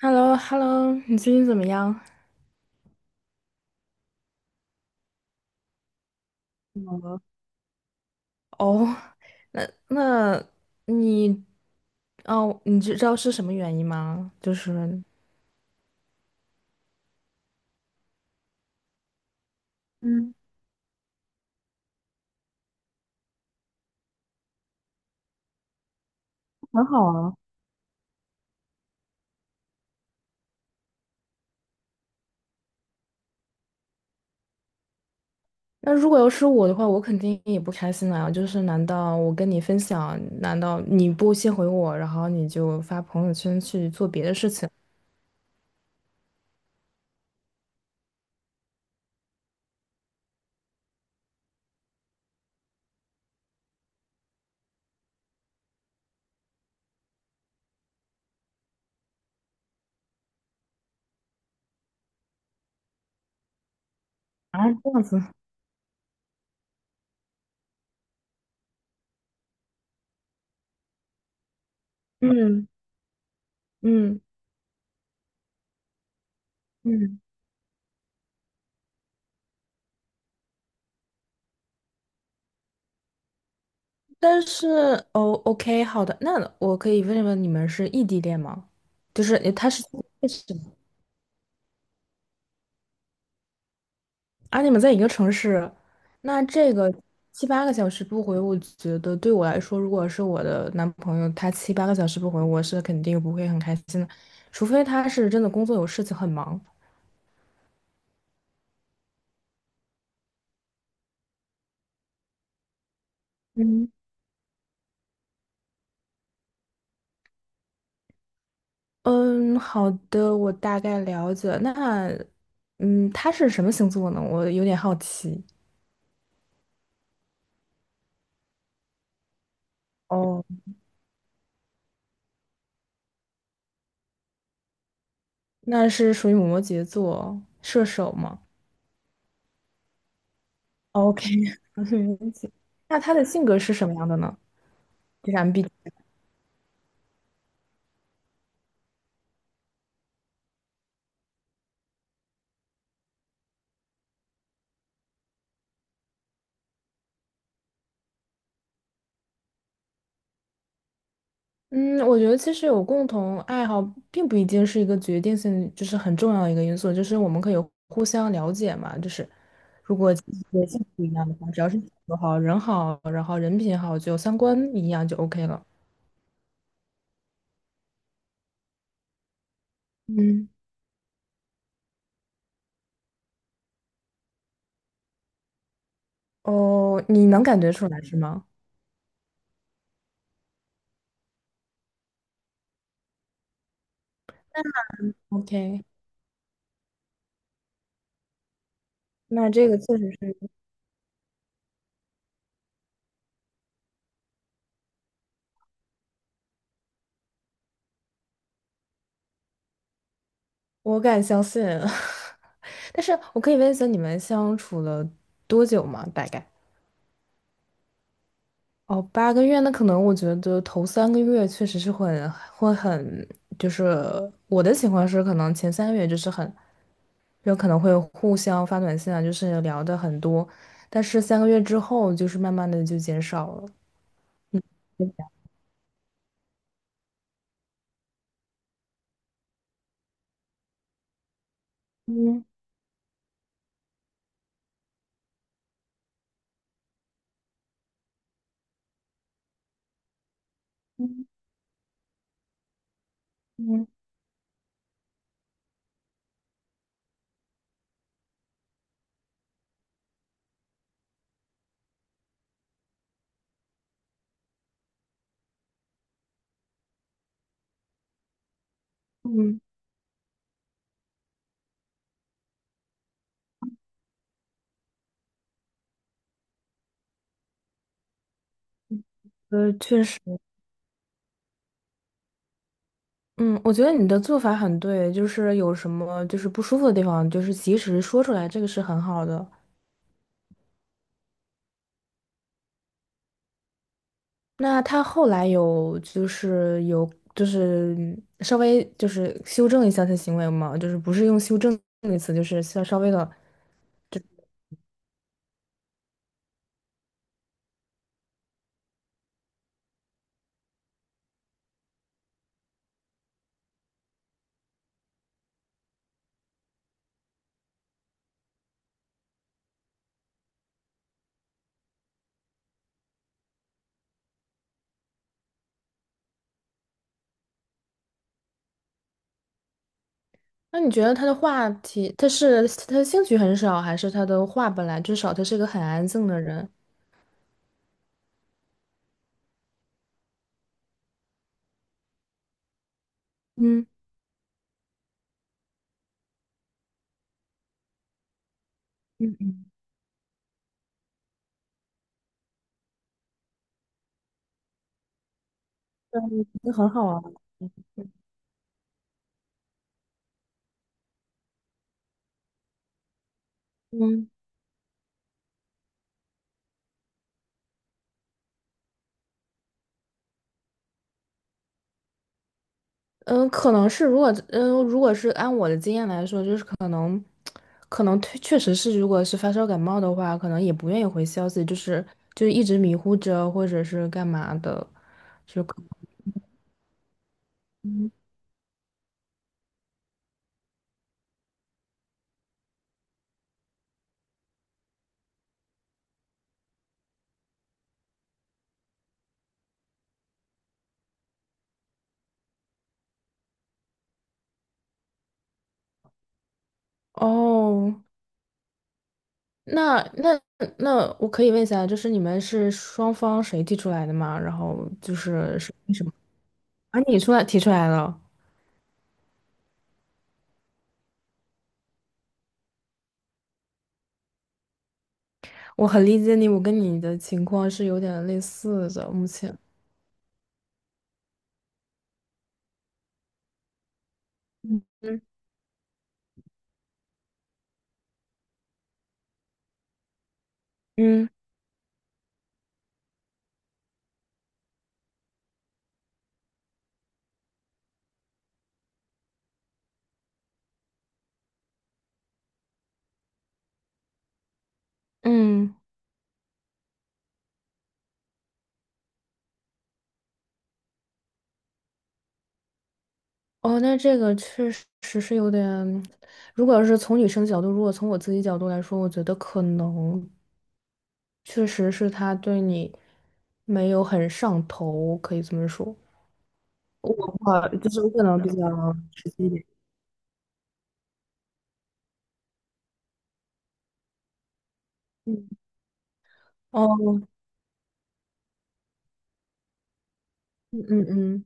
h e l l o h e l l o 你最近怎么样？嗯。哦，那那你，哦，你知道是什么原因吗？就是，很好啊。那如果要是我的话，我肯定也不开心啊。就是难道我跟你分享，难道你不先回我，然后你就发朋友圈去做别的事情？啊，这样子。嗯嗯。嗯，但是。哦，OK，好的，那我可以问一问，你们是异地恋吗？就是他是。啊，你们在一个城市。那这个七八个小时不回，我觉得对我来说，如果是我的男朋友，他七八个小时不回，我是肯定不会很开心的，除非他是真的工作有事情很忙。嗯。嗯，好的，我大概了解。那，嗯，他是什么星座呢？我有点好奇。哦，那是属于摩羯座，射手吗？OK。没问题。那他的性格是什么样的呢？就是 m b t。 嗯，我觉得其实有共同爱好，并不一定是一个决定性，就是很重要的一个因素，就是我们可以互相了解嘛。就是也性不一样的话，只要是性格好，人好，然后人品好，就三观一样就 OK 了。嗯。哦，你能感觉出来是吗？OK。那这个确实是。我敢相信。但是我可以问一下，你们相处了多久吗？大概？哦，8个月，那可能我觉得头3个月确实是很，会很，就是我的情况是，可能前3个月就是很，有可能会互相发短信啊，就是聊的很多，但是三个月之后就是慢慢的就减少了。嗯。嗯。确实。嗯，我觉得你的做法很对，就是有什么就是不舒服的地方，就是及时说出来，这个是很好的。那他后来有，就是有就是稍微就是修正一下他的行为嘛，就是不是用修正这个词，就是稍微的。那你觉得他的话题，他是他的兴趣很少，还是他的话本来至少他是个很安静的人？嗯。那很好啊。嗯。嗯。嗯,可能是,如果如果是按我的经验来说，就是可能，可能确实是，如果是发烧感冒的话，可能也不愿意回消息，就是就一直迷糊着，或者是干嘛的，就可哦，那那那我可以问一下，就是你们是双方谁提出来的吗？然后就是是。啊，你提出来了。我很理解你，我跟你的情况是有点类似的，目前，嗯。嗯。嗯。哦，那这个确实是有点。如果要是从女生角度，如果从我自己角度来说，我觉得可能确实是他对你没有很上头，可以这么说。我话就是我可能比较实际一点。嗯。哦。嗯。嗯。嗯。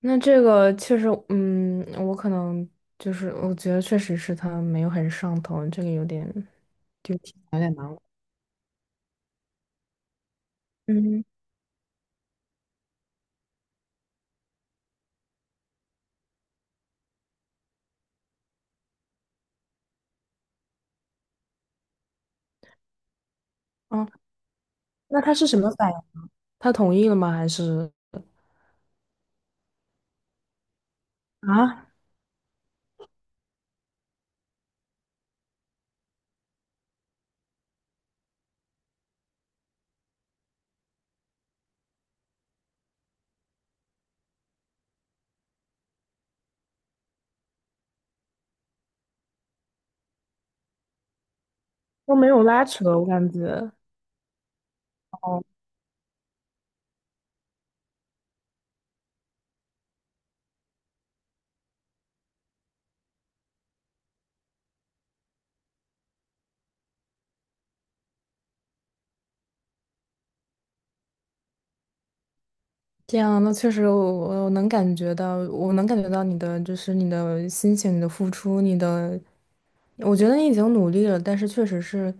那这个确实，嗯，我可能就是我觉得确实是他没有很上头，这个有点，有点难过。嗯。哦，那他是什么反应？他同意了吗？还是？啊。都没有拉扯，我感觉。哦，这样。那确实我，我能感觉到，我能感觉到你的，就是你的心情、你的付出、你的，我觉得你已经努力了，但是确实是。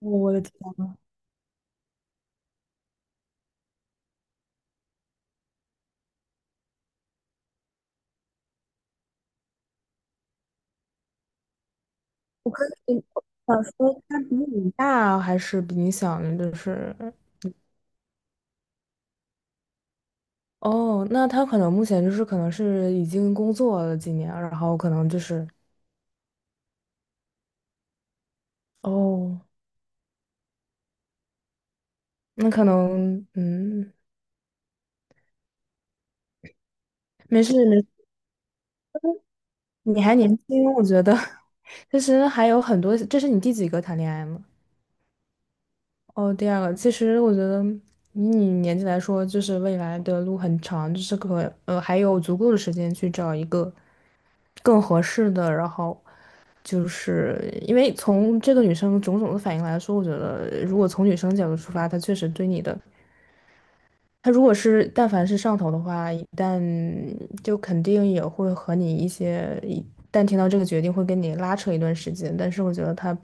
我的天。嗯。想说他比你大还是比你小呢？就是，哦，那他可能目前就是可能是已经工作了几年，然后可能就是。哦，那可能，嗯，没事没事。你还年轻，我觉得。其实还有很多。这是你第几个谈恋爱吗？哦，第2个。其实我觉得以你年纪来说，就是未来的路很长，就是可还有足够的时间去找一个更合适的。然后就是因为从这个女生种种的反应来说，我觉得如果从女生角度出发，她确实对你的，她如果是但凡是上头的话，一旦就肯定也会和你一些，一旦听到这个决定会跟你拉扯一段时间。但是我觉得她，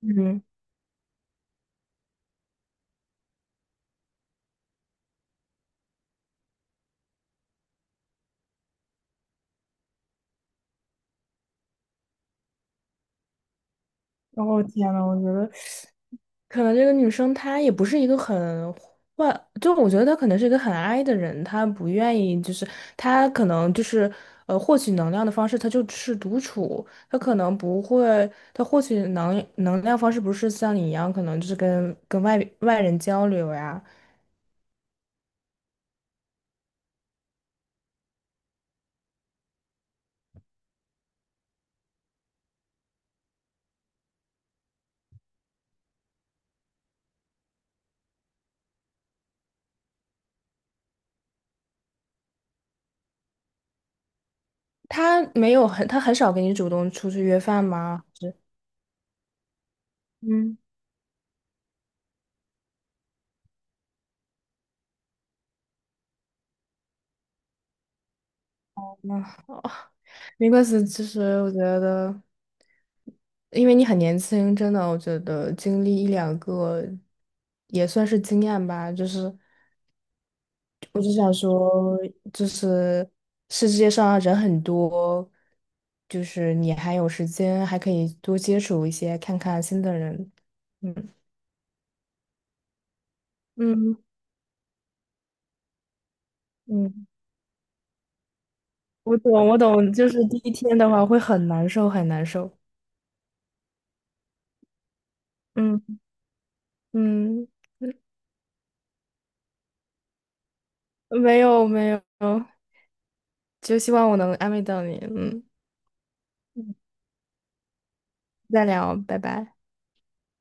嗯，哦天呐，我觉得。可能这个女生她也不是一个很坏，就我觉得她可能是一个很 i 的人，她不愿意，就是她可能就是获取能量的方式，她就是独处，她可能不会，她获取能量方式不是像你一样，可能就是跟外人交流呀。她没有很，她很少跟你主动出去约饭吗？是。嗯。啊。哦，没关系。其实我觉得，因为你很年轻，真的，我觉得经历1,2个也算是经验吧。就是我只想说，就是世界上人很多，就是你还有时间，还可以多接触一些，看看新的人。嗯。嗯。嗯，我懂，我懂。就是第1天的话会很难受，很难受。嗯。嗯，没有没有。就希望我能安慰到你。嗯，再聊，拜拜。